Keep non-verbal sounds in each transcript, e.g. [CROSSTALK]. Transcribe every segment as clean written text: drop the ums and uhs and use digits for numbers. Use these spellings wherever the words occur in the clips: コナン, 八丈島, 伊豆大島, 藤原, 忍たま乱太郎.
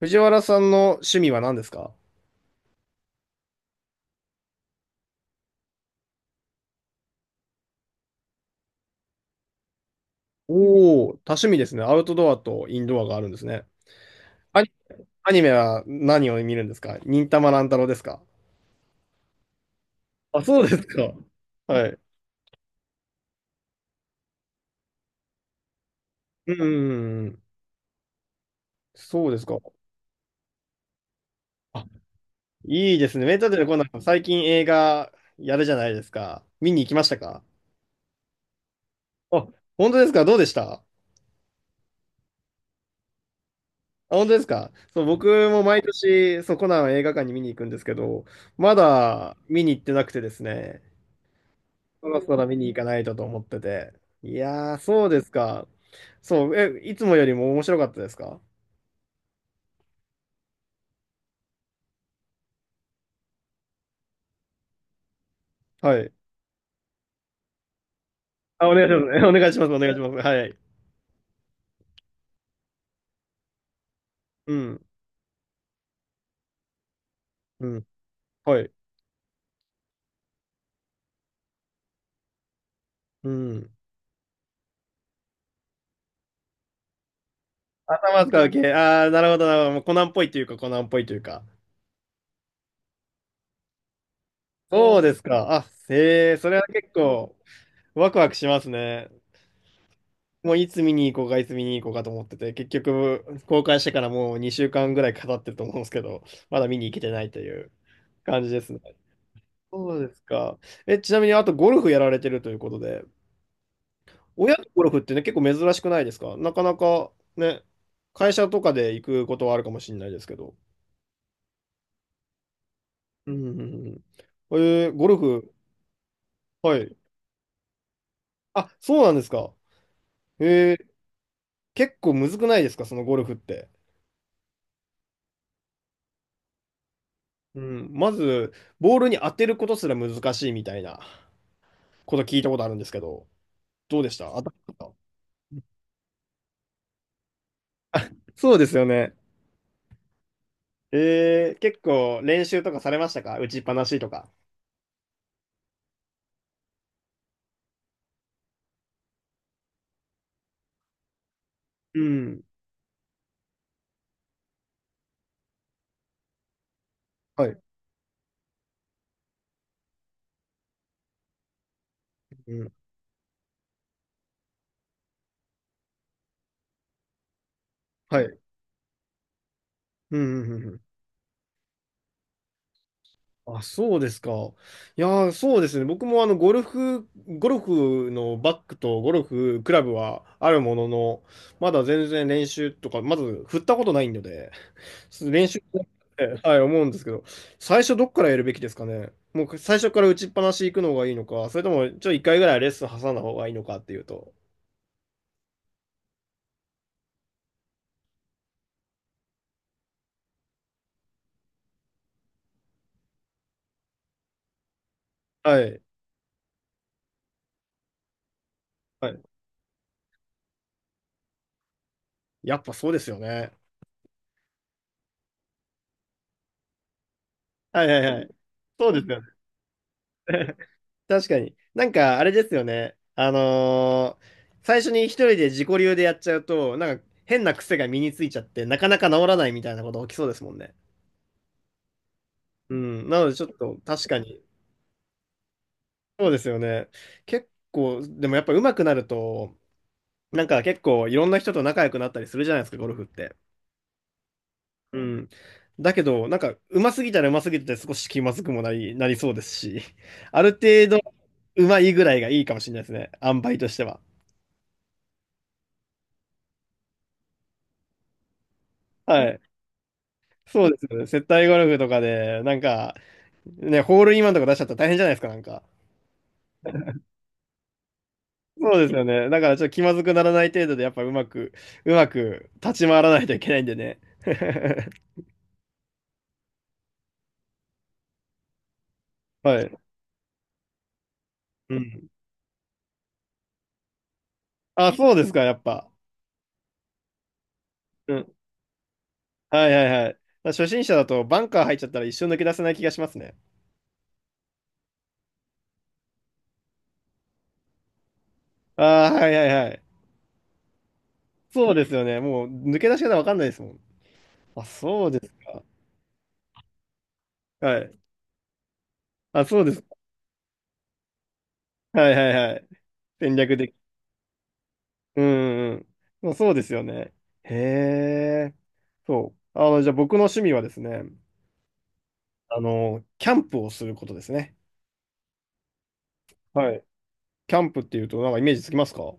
藤原さんの趣味は何ですか？おおー、多趣味ですね。アウトドアとインドアがあるんですね。アニ、アニメは何を見るんですか？忍たま乱太郎ですか？あ、そうですか。はい。うんうんうん。そうですか。あ、いいですね。メンタルで今度、最近映画やるじゃないですか。見に行きましたか？あ、本当ですか？どうでした？あ、本当ですか？そう、僕も毎年、そう、コナンを映画館に見に行くんですけど、まだ見に行ってなくてですね。そろそろ見に行かないとと思ってて。いやー、そうですか。そう、え、いつもよりも面白かったですか？はい。あ、お願いします。[LAUGHS] お願いします。お願いします。はい。うん。うん。はい。うん。頭使う系。ああ、なるほど、なるほど。もうコナンっぽいというか、コナンっぽいというか。そうですか。あ、へえ、それは結構、ワクワクしますね。もういつ見に行こうか、いつ見に行こうかと思ってて、結局、公開してからもう2週間ぐらい語ってると思うんですけど、まだ見に行けてないという感じですね。そうですか。え、ちなみに、あとゴルフやられてるということで、親とゴルフってね、結構珍しくないですか？なかなかね、会社とかで行くことはあるかもしれないですけど。うん、うんうんうん。えーゴルフ、はい。あ、そうなんですか。えー結構むずくないですか？そのゴルフって。うん、まず、ボールに当てることすら難しいみたいなこと聞いたことあるんですけど、どうでした？当たった？そうですよね。結構練習とかされましたか？打ちっぱなしとか。うん。はい。うん。はい。うん、うん、うんうん。あ、そうですか。いやー、そうですね。僕もあの、ゴルフのバッグとゴルフクラブはあるものの、まだ全然練習とか、まず振ったことないので、練習しなくて、はい、思うんですけど、最初どっからやるべきですかね。もう最初から打ちっぱなし行くのがいいのか、それともちょっと一回ぐらいレッスン挟んだ方がいいのかっていうと。はい。はい。やっぱそうですよね。はいはいはい。そうですよね。確かに。なんか、あれですよね。最初に一人で自己流でやっちゃうと、なんか変な癖が身についちゃって、なかなか治らないみたいなこと起きそうですもんね。うん。なので、ちょっと、確かに。そうですよね。結構、でもやっぱ上手くなると、なんか結構いろんな人と仲良くなったりするじゃないですか、ゴルフって。うん。だけど、なんか、上手すぎたら上手すぎて少し気まずくもなり、そうですし、ある程度、上手いぐらいがいいかもしれないですね。塩梅としては。はい。そうですよね。接待ゴルフとかで、なんか、ね、ホールインワンとか出しちゃったら大変じゃないですか、なんか。そうですよね。だからちょっと気まずくならない程度で、やっぱうまく、うまく立ち回らないといけないんでね。[LAUGHS] はい。うん。あ、そうですか、やっぱ。うん。はいはいはい。初心者だとバンカー入っちゃったら一生抜け出せない気がしますね。ああ、はいはいはい。そうですよね。もう抜け出し方わかんないですもん。あ、そうですか。はい。あ、そうです。はいはいはい。戦略的。うんうん。まあそうですよね。へえ。そう。じゃあ僕の趣味はですね、キャンプをすることですね。はい。キャンプっていうと、なんかイメージつきますか？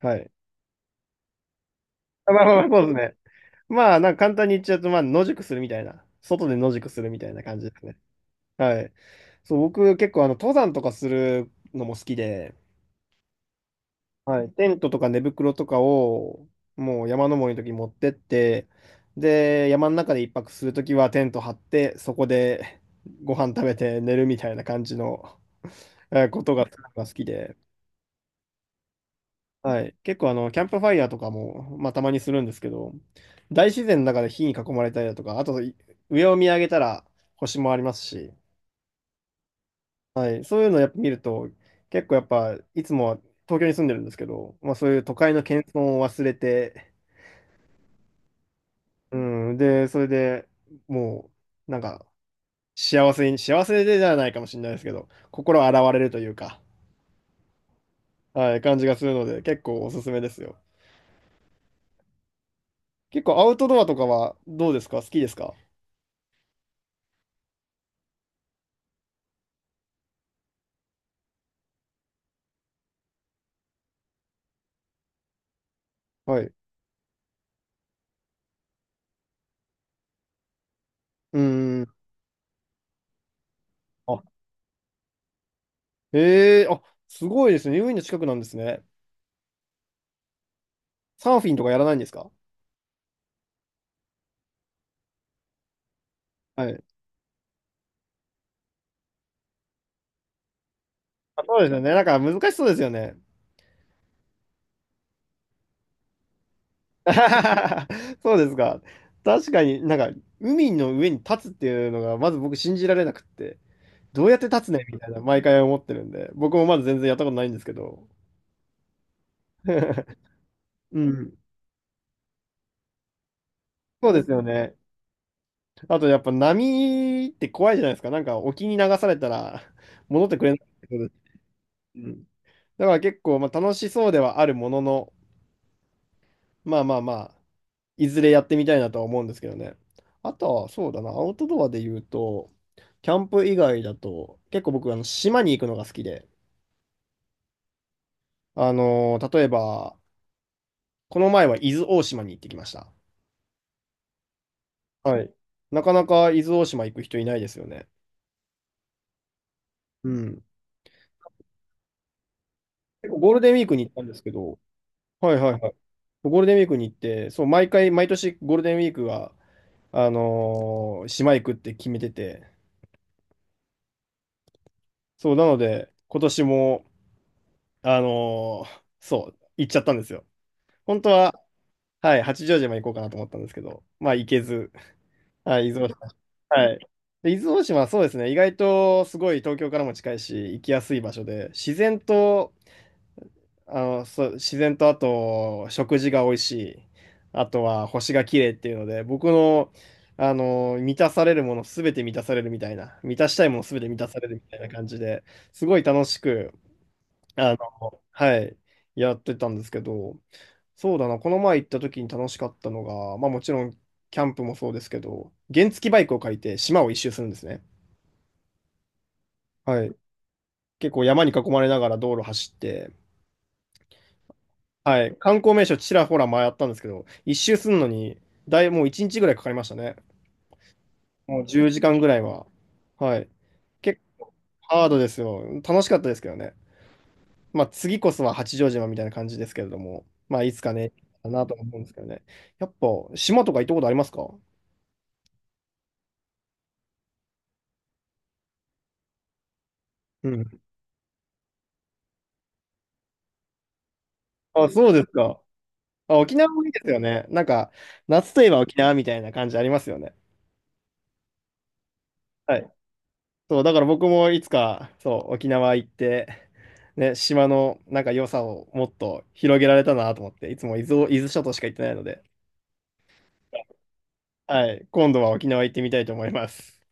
はい。あまあまあまあ、そうですね。まあ、なんか簡単に言っちゃうと、まあ、野宿するみたいな。外で野宿するみたいな感じですね。はい。そう、僕結構、登山とかするのも好きで、はい、テントとか寝袋とかをもう山登りの時に持ってって、で、山の中で一泊する時はテント張って、そこで [LAUGHS] ご飯食べて寝るみたいな感じのことが好きで、はい、結構キャンプファイヤーとかも、まあ、たまにするんですけど、大自然の中で火に囲まれたりだとか、あとい上を見上げたら星もありますし、はい、そういうのをやっぱ見ると、結構やっぱいつもは東京に住んでるんですけど、まあ、そういう都会の喧騒を忘れて、うん、で、それでもう、なんか、幸せでじゃないかもしれないですけど、心洗われるというか、はい、感じがするので、結構おすすめですよ。結構アウトドアとかはどうですか？好きですか？はい。うん。あ、へえ、あ、すごいですね。海の近くなんですね。サーフィンとかやらないんですか？はい。あ、そうですよね。なんか難しそうですよね。[LAUGHS] そうですか。確かになんか、海の上に立つっていうのが、まず僕信じられなくって。どうやって立つねみたいな、毎回思ってるんで、僕もまだ全然やったことないんですけど。[LAUGHS] うん。そうですよね。あとやっぱ波って怖いじゃないですか。なんか沖に流されたら戻ってくれないってことです。うん。だから結構まあ楽しそうではあるものの、まあまあまあ、いずれやってみたいなとは思うんですけどね。あとはそうだな、アウトドアで言うと、キャンプ以外だと、結構僕あの島に行くのが好きで、例えば、この前は伊豆大島に行ってきました。はい。なかなか伊豆大島行く人いないですよね。うん。結構ゴールデンウィークに行ったんですけど、はいはいはい。ゴールデンウィークに行って、そう、毎回、毎年ゴールデンウィークは、島行くって決めてて、そう、なので、今年も、そう、行っちゃったんですよ。本当は、はい、八丈島行こうかなと思ったんですけど、まあ行けず、はい、伊豆大島。はい。で、伊豆大島はそうですね、意外とすごい東京からも近いし、行きやすい場所で、自然と、そう、自然とあと、食事が美味しい。あとは、星が綺麗っていうので、僕の、満たされるものすべて満たされるみたいな、満たしたいものすべて満たされるみたいな感じで、すごい楽しく、はい、やってたんですけど、そうだな、この前行った時に楽しかったのが、まあもちろん、キャンプもそうですけど、原付バイクを借りて島を一周するんですね。はい。結構山に囲まれながら道路走って、はい。観光名所ちらほら回ったんですけど、一周するのに、もう1日ぐらいかかりましたね。もう10時間ぐらいは。はい。結構ハードですよ。楽しかったですけどね。まあ次こそは八丈島みたいな感じですけれども、まあいつかね、かなと思うんですけどね。やっぱ島とか行ったことありますか？うん。あ、そうですか。あ、沖縄もいいですよね。なんか、夏といえば沖縄みたいな感じありますよね。はい。そう、だから僕もいつか、そう、沖縄行って、ね、島のなんか良さをもっと広げられたなと思って、いつも伊豆を、伊豆諸島しか行ってないので、はい、今度は沖縄行ってみたいと思います。